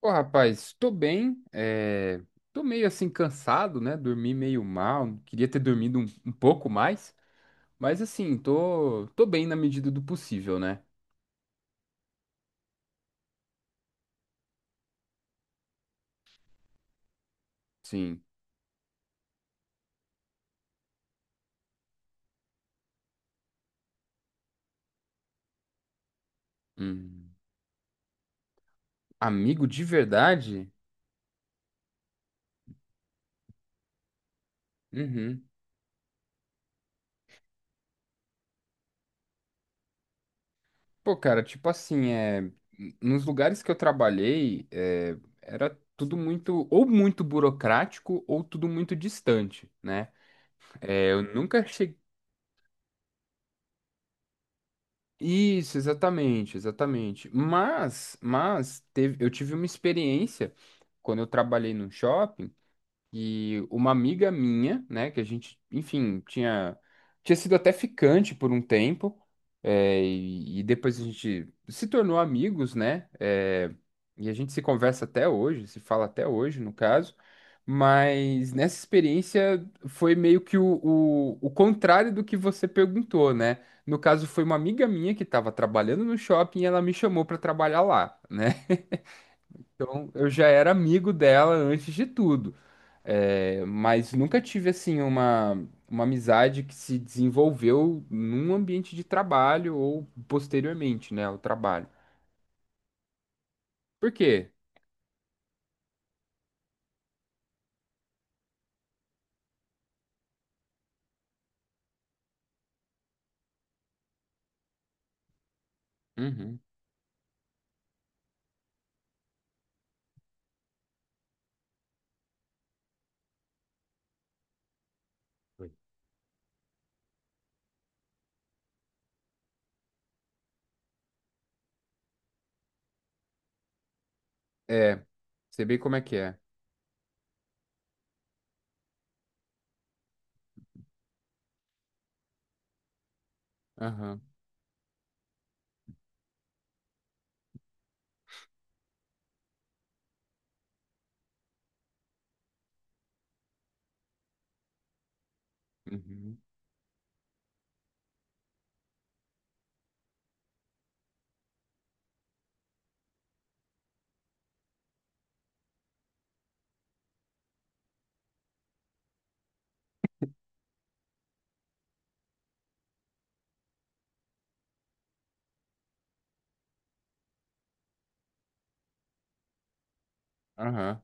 Pô, rapaz, tô bem, tô meio assim cansado, né? Dormi meio mal, queria ter dormido um pouco mais, mas assim, tô bem na medida do possível, né? Sim. Hum. Amigo de verdade? Uhum. Pô, cara, tipo assim, nos lugares que eu trabalhei, era tudo muito, ou muito burocrático, ou tudo muito distante, né? É, eu nunca cheguei. Isso, exatamente, exatamente. Mas eu tive uma experiência quando eu trabalhei num shopping. E uma amiga minha, né, que a gente, enfim, tinha sido até ficante por um tempo, e depois a gente se tornou amigos, né, e a gente se conversa até hoje, se fala até hoje, no caso, mas nessa experiência foi meio que o contrário do que você perguntou, né? No caso, foi uma amiga minha que estava trabalhando no shopping e ela me chamou para trabalhar lá, né? Então, eu já era amigo dela antes de tudo. É, mas nunca tive assim uma amizade que se desenvolveu num ambiente de trabalho ou posteriormente, né, ao trabalho. Por quê? Uhum. É, sei bem como é que é. Aham, uhum, aham.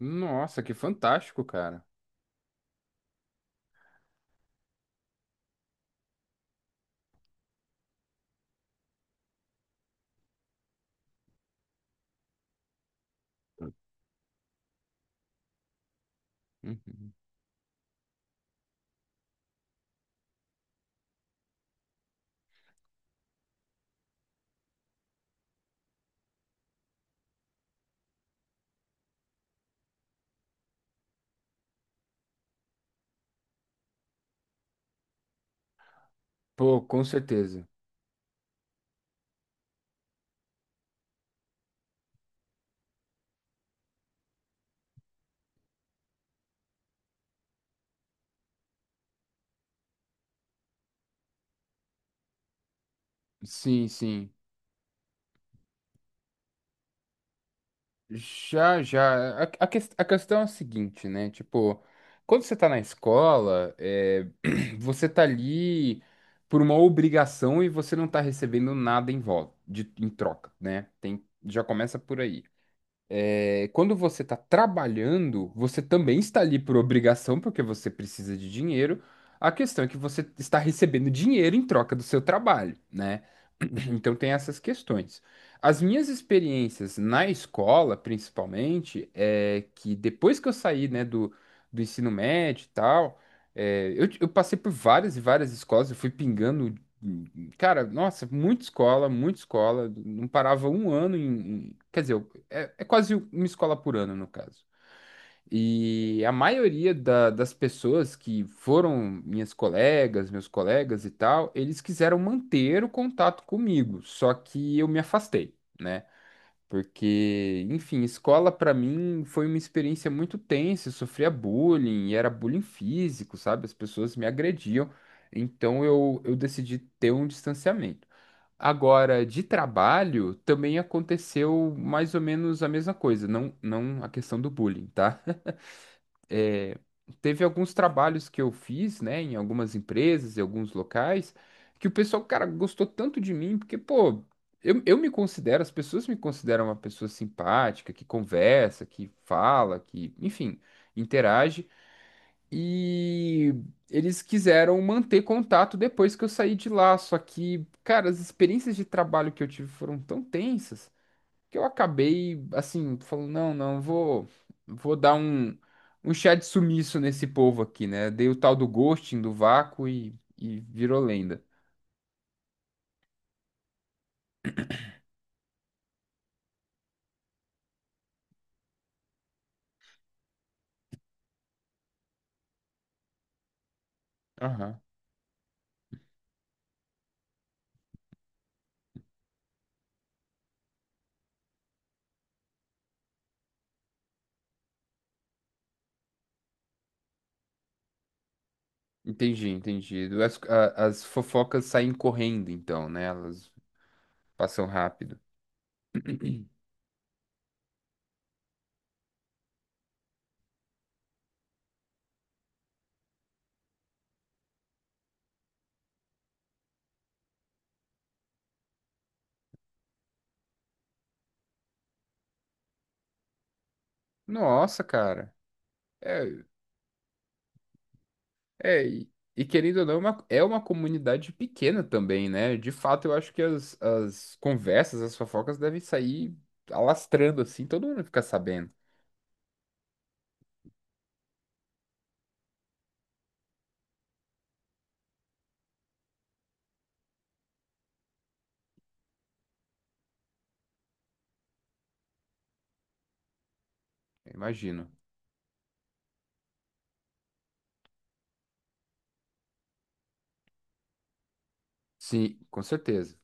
Nossa, que fantástico, cara. Uhum. Pô, com certeza. Sim, sim. Já, já. A questão é a seguinte, né? Tipo, quando você tá na escola, você tá ali por uma obrigação e você não tá recebendo nada em volta, de, em troca, né? Tem, já começa por aí, quando você está trabalhando, você também está ali por obrigação, porque você precisa de dinheiro. A questão é que você está recebendo dinheiro em troca do seu trabalho, né? Então tem essas questões. As minhas experiências na escola, principalmente, é que depois que eu saí, né, do ensino médio e tal, eu passei por várias e várias escolas, eu fui pingando, cara, nossa, muita escola, não parava um ano em, quer dizer, é quase uma escola por ano, no caso. E a maioria das pessoas que foram minhas colegas, meus colegas e tal, eles quiseram manter o contato comigo, só que eu me afastei, né? Porque, enfim, escola pra mim foi uma experiência muito tensa, eu sofria bullying, e era bullying físico, sabe? As pessoas me agrediam, então eu decidi ter um distanciamento. Agora, de trabalho, também aconteceu mais ou menos a mesma coisa, não, não a questão do bullying, tá? Teve alguns trabalhos que eu fiz, né, em algumas empresas, em alguns locais, que o pessoal, cara, gostou tanto de mim, porque, pô, eu me considero, as pessoas me consideram uma pessoa simpática, que conversa, que fala, que, enfim, interage, e eles quiseram manter contato depois que eu saí de lá, só que, cara, as experiências de trabalho que eu tive foram tão tensas que eu acabei, assim, falando, não, não, vou dar um chá de sumiço nesse povo aqui, né? Dei o tal do ghosting, do vácuo e virou lenda. Aham. Entendi, entendi. As fofocas saem correndo, então, né? Elas passam rápido. Nossa, cara. É, é, e querendo ou não, é uma comunidade pequena também, né? De fato, eu acho que as conversas, as fofocas devem sair alastrando assim, todo mundo fica sabendo. Eu imagino. Sim, com certeza.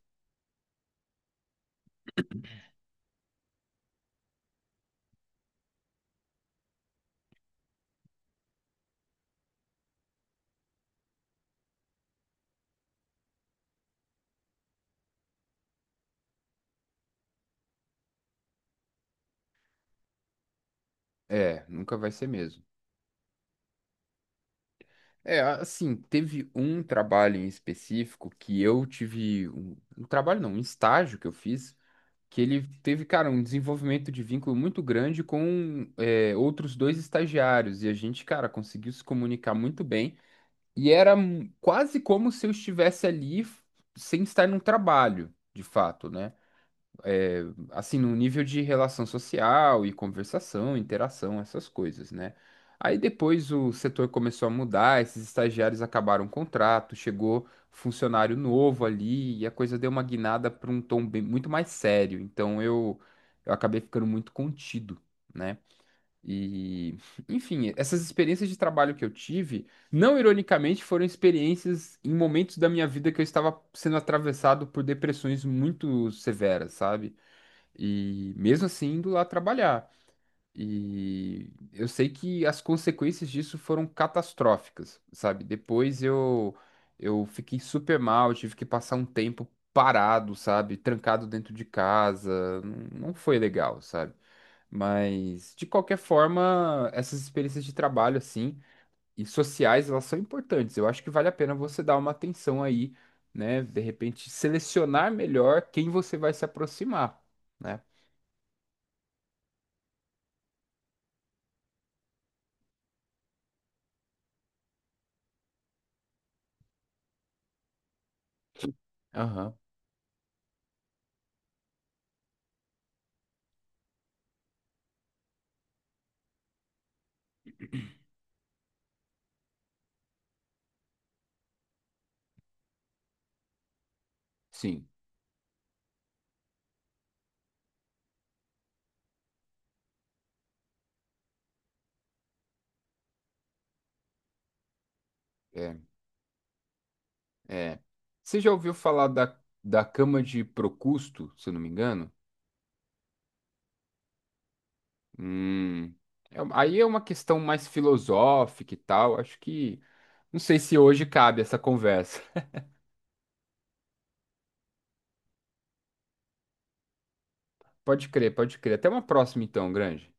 É, nunca vai ser mesmo. É, assim, teve um trabalho em específico que eu tive um trabalho não, um estágio que eu fiz, que ele teve, cara, um desenvolvimento de vínculo muito grande com outros dois estagiários e a gente, cara, conseguiu se comunicar muito bem e era quase como se eu estivesse ali sem estar num trabalho, de fato, né? Assim, num nível de relação social e conversação, interação, essas coisas, né? Aí depois o setor começou a mudar, esses estagiários acabaram o contrato, chegou funcionário novo ali e a coisa deu uma guinada para um tom bem, muito mais sério. Então eu acabei ficando muito contido, né? E, enfim, essas experiências de trabalho que eu tive, não ironicamente, foram experiências em momentos da minha vida que eu estava sendo atravessado por depressões muito severas, sabe? E mesmo assim indo lá trabalhar. E eu sei que as consequências disso foram catastróficas, sabe? Depois eu fiquei super mal, tive que passar um tempo parado, sabe? Trancado dentro de casa. Não, não foi legal, sabe? Mas de qualquer forma, essas experiências de trabalho assim e sociais, elas são importantes. Eu acho que vale a pena você dar uma atenção aí, né? De repente selecionar melhor quem você vai se aproximar, né? Aham. Sim, é, é. Você já ouviu falar da cama de Procusto, se eu não me engano? Hum, Aí é uma questão mais filosófica e tal. Acho que não sei se hoje cabe essa conversa. Pode crer, pode crer. Até uma próxima então, Grande.